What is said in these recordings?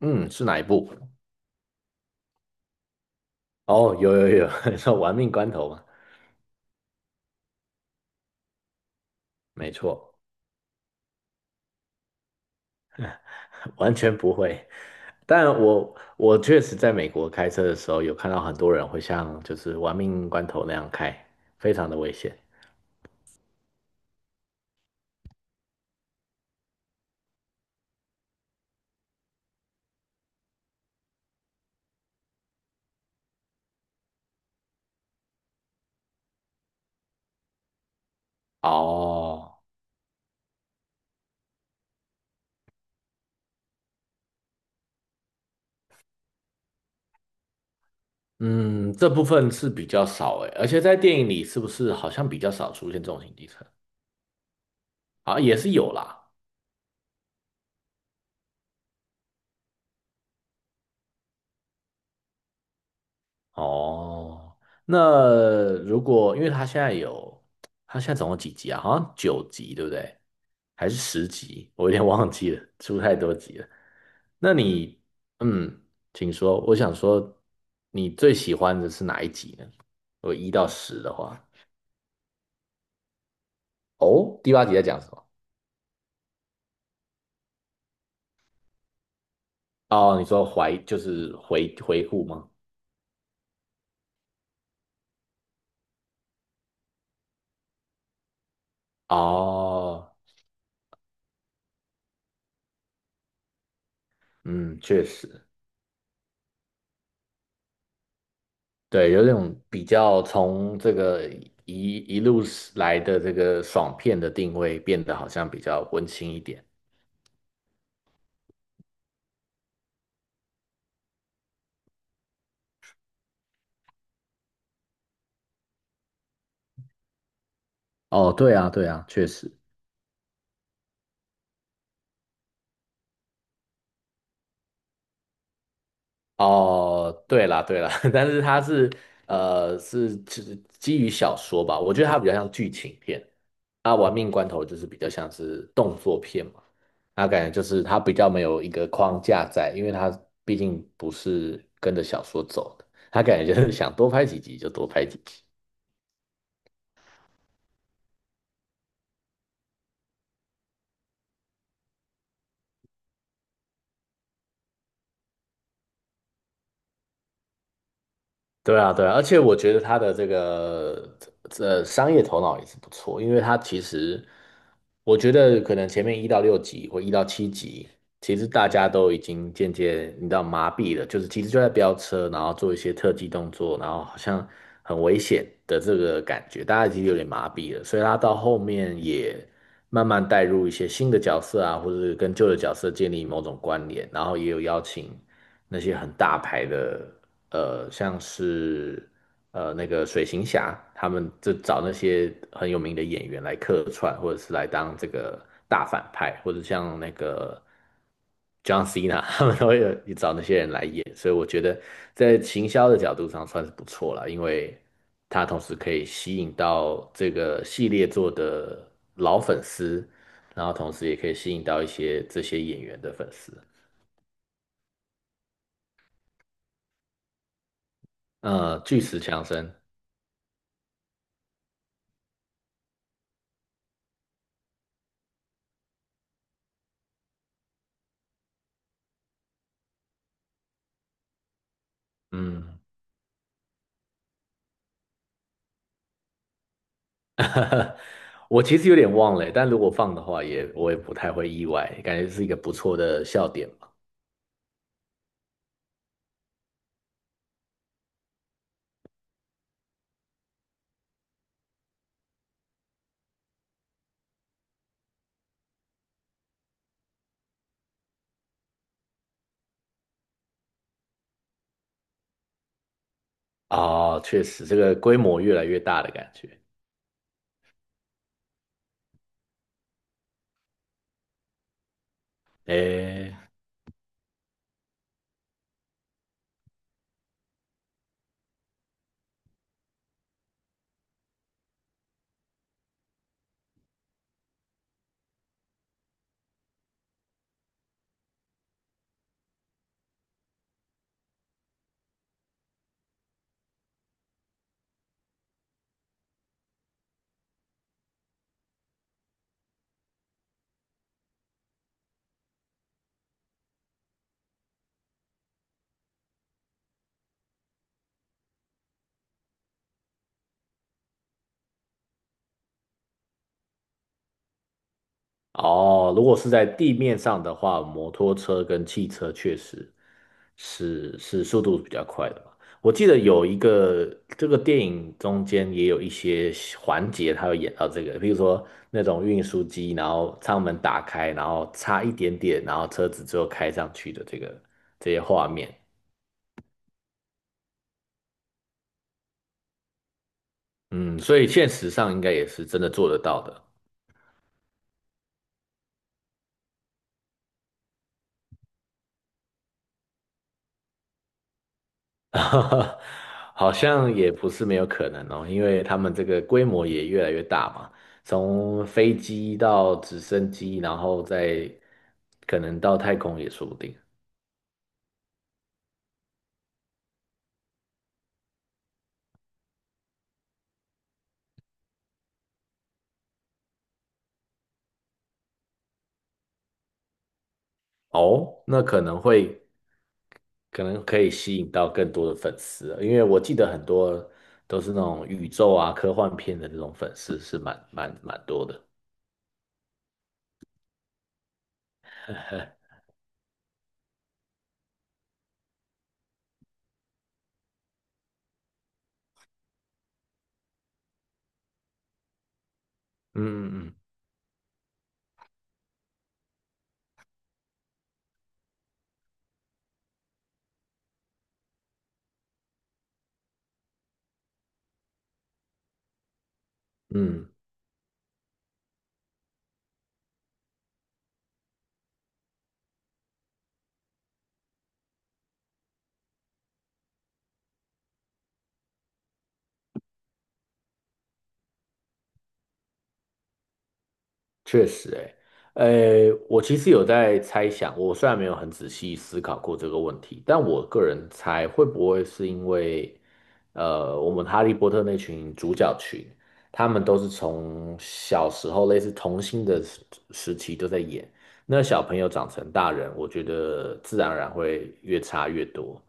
嗯，是哪一部？哦，有有有，你说玩命关头吗？没错，完全不会。但我确实在美国开车的时候，有看到很多人会像就是玩命关头那样开，非常的危险。哦，嗯，这部分是比较少诶，而且在电影里是不是好像比较少出现这种行机车？啊，也是有啦。哦，那如果因为他现在总共几集啊？好像九集，对不对？还是10集？我有点忘记了，出太多集了。那你，嗯，请说，我想说，你最喜欢的是哪一集呢？我果一到十的话，哦，第八集在讲什么？哦，你说怀就是回顾吗？哦，嗯，确实。对，有那种比较从这个一路来的这个爽片的定位变得好像比较温馨一点。哦，对啊，对啊，确实。哦，对啦对啦，但是它是就是基于小说吧，我觉得它比较像剧情片。啊，《玩命关头》就是比较像是动作片嘛，那感觉就是它比较没有一个框架在，因为它毕竟不是跟着小说走的，它感觉就是想多拍几集就多拍几集。对啊，对啊，而且我觉得他的这个商业头脑也是不错，因为他其实我觉得可能前面一到六集或一到七集，其实大家都已经渐渐你知道麻痹了，就是其实就在飙车，然后做一些特技动作，然后好像很危险的这个感觉，大家已实有点麻痹了，所以他到后面也慢慢带入一些新的角色啊，或者是跟旧的角色建立某种关联，然后也有邀请那些很大牌的。像是那个水行侠，他们就找那些很有名的演员来客串，或者是来当这个大反派，或者像那个 John Cena，他们都会有找那些人来演，所以我觉得在行销的角度上算是不错了，因为他同时可以吸引到这个系列做的老粉丝，然后同时也可以吸引到一些这些演员的粉丝，巨石强森，嗯。我其实有点忘了，但如果放的话也，我也不太会意外，感觉是一个不错的笑点嘛。哦，确实，这个规模越来越大的感觉。诶，哦，如果是在地面上的话，摩托车跟汽车确实是速度比较快的嘛。我记得有一个这个电影中间也有一些环节，它有演到这个，比如说那种运输机，然后舱门打开，然后差一点点，然后车子最后开上去的这些画面。嗯，所以现实上应该也是真的做得到的。好像也不是没有可能哦，因为他们这个规模也越来越大嘛，从飞机到直升机，然后再可能到太空也说不定哦。那可能会可能可以吸引到更多的粉丝了，因为我记得很多都是那种宇宙啊科幻片的那种粉丝是蛮蛮蛮多的。嗯嗯嗯嗯。确实、欸，诶，我其实有在猜想，我虽然没有很仔细思考过这个问题，但我个人猜会不会是因为，呃，我们哈利波特那群主角群，他们都是从小时候类似童星的时期都在演，那小朋友长成大人，我觉得自然而然会越差越多。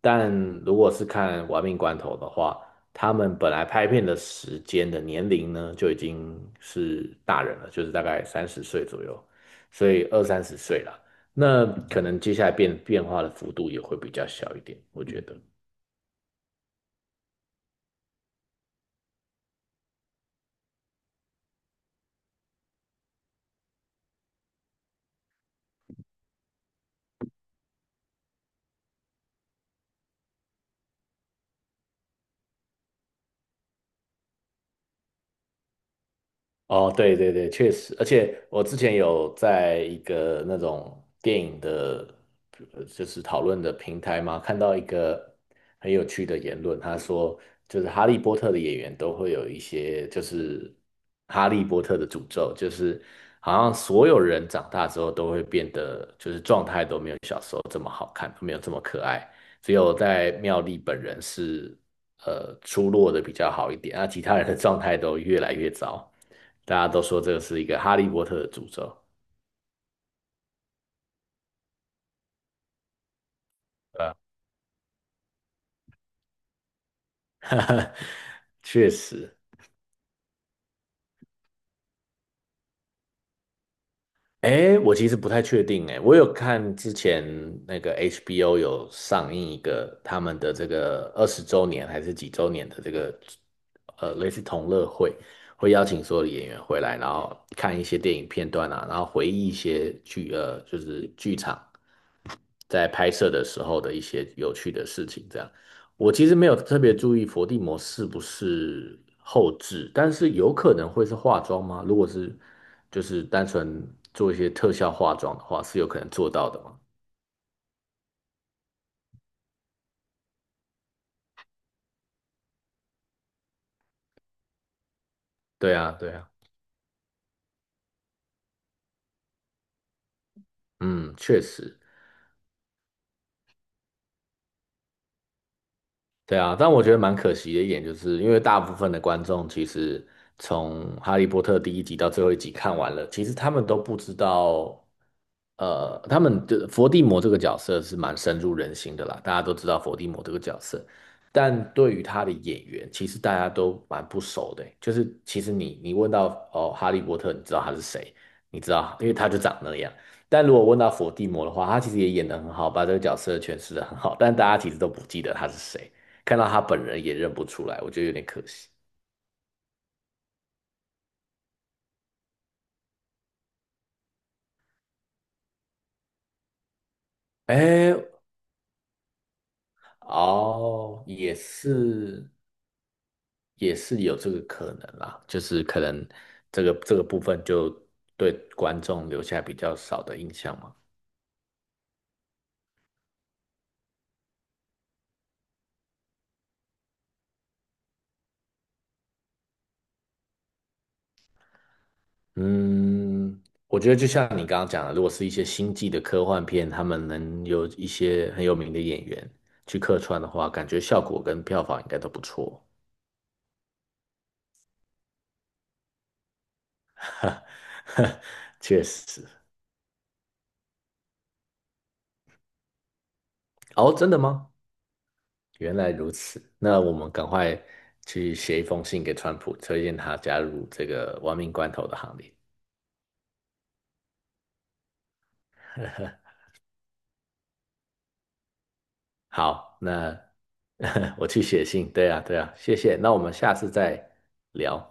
但如果是看《玩命关头》的话，他们本来拍片的时间的年龄呢，就已经是大人了，就是大概三十岁左右，所以二三十岁了。那可能接下来变化的幅度也会比较小一点，我觉得。哦，对对对，确实，而且我之前有在一个那种电影的，就是讨论的平台嘛，看到一个很有趣的言论，他说就是《哈利波特》的演员都会有一些就是《哈利波特》的诅咒，就是好像所有人长大之后都会变得就是状态都没有。小时候。没有这么可爱，只有在妙丽本人是出落的比较好一点，那其他人的状态都越来越糟，大家都说这个是一个哈利波特的诅咒，对吧？确实，哎，我其实不太确定，哎，我有看之前那个 HBO 有上映一个他们的这个20周年还是几周年的这个类似同乐会，会邀请所有的演员回来，然后看一些电影片段啊，然后回忆一些就是剧场在拍摄的时候的一些有趣的事情。这样，我其实没有特别注意伏地魔是不是后置，但是有可能会是化妆吗？如果是就是单纯做一些特效化妆的话，是有可能做到的吗？对啊，对啊，嗯，确实。对啊，但我觉得蛮可惜的一点，就是因为大部分的观众其实从《哈利波特》第一集到最后一集看完了，其实他们都不知道，呃，他们的伏地魔这个角色是蛮深入人心的啦，大家都知道伏地魔这个角色，但对于他的演员，其实大家都蛮不熟的欸就是其实你问到哦，哈利波特，你知道他是谁？你知道，因为他就长那样。但如果问到伏地魔的话，他其实也演的很好，把这个角色诠释的很好，但大家其实都不记得他是谁。看到他本人也认不出来，我觉得有点可惜。哎，哦，也是，也是有这个可能啦，就是可能这个部分就对观众留下比较少的印象嘛。嗯，我觉得就像你刚刚讲的，如果是一些星际的科幻片，他们能有一些很有名的演员去客串的话，感觉效果跟票房应该都不错。确实。哦，真的吗？原来如此，那我们赶快去写一封信给川普，推荐他加入这个亡命关头的行列。好，那 我去写信。对啊，对啊，谢谢。那我们下次再聊。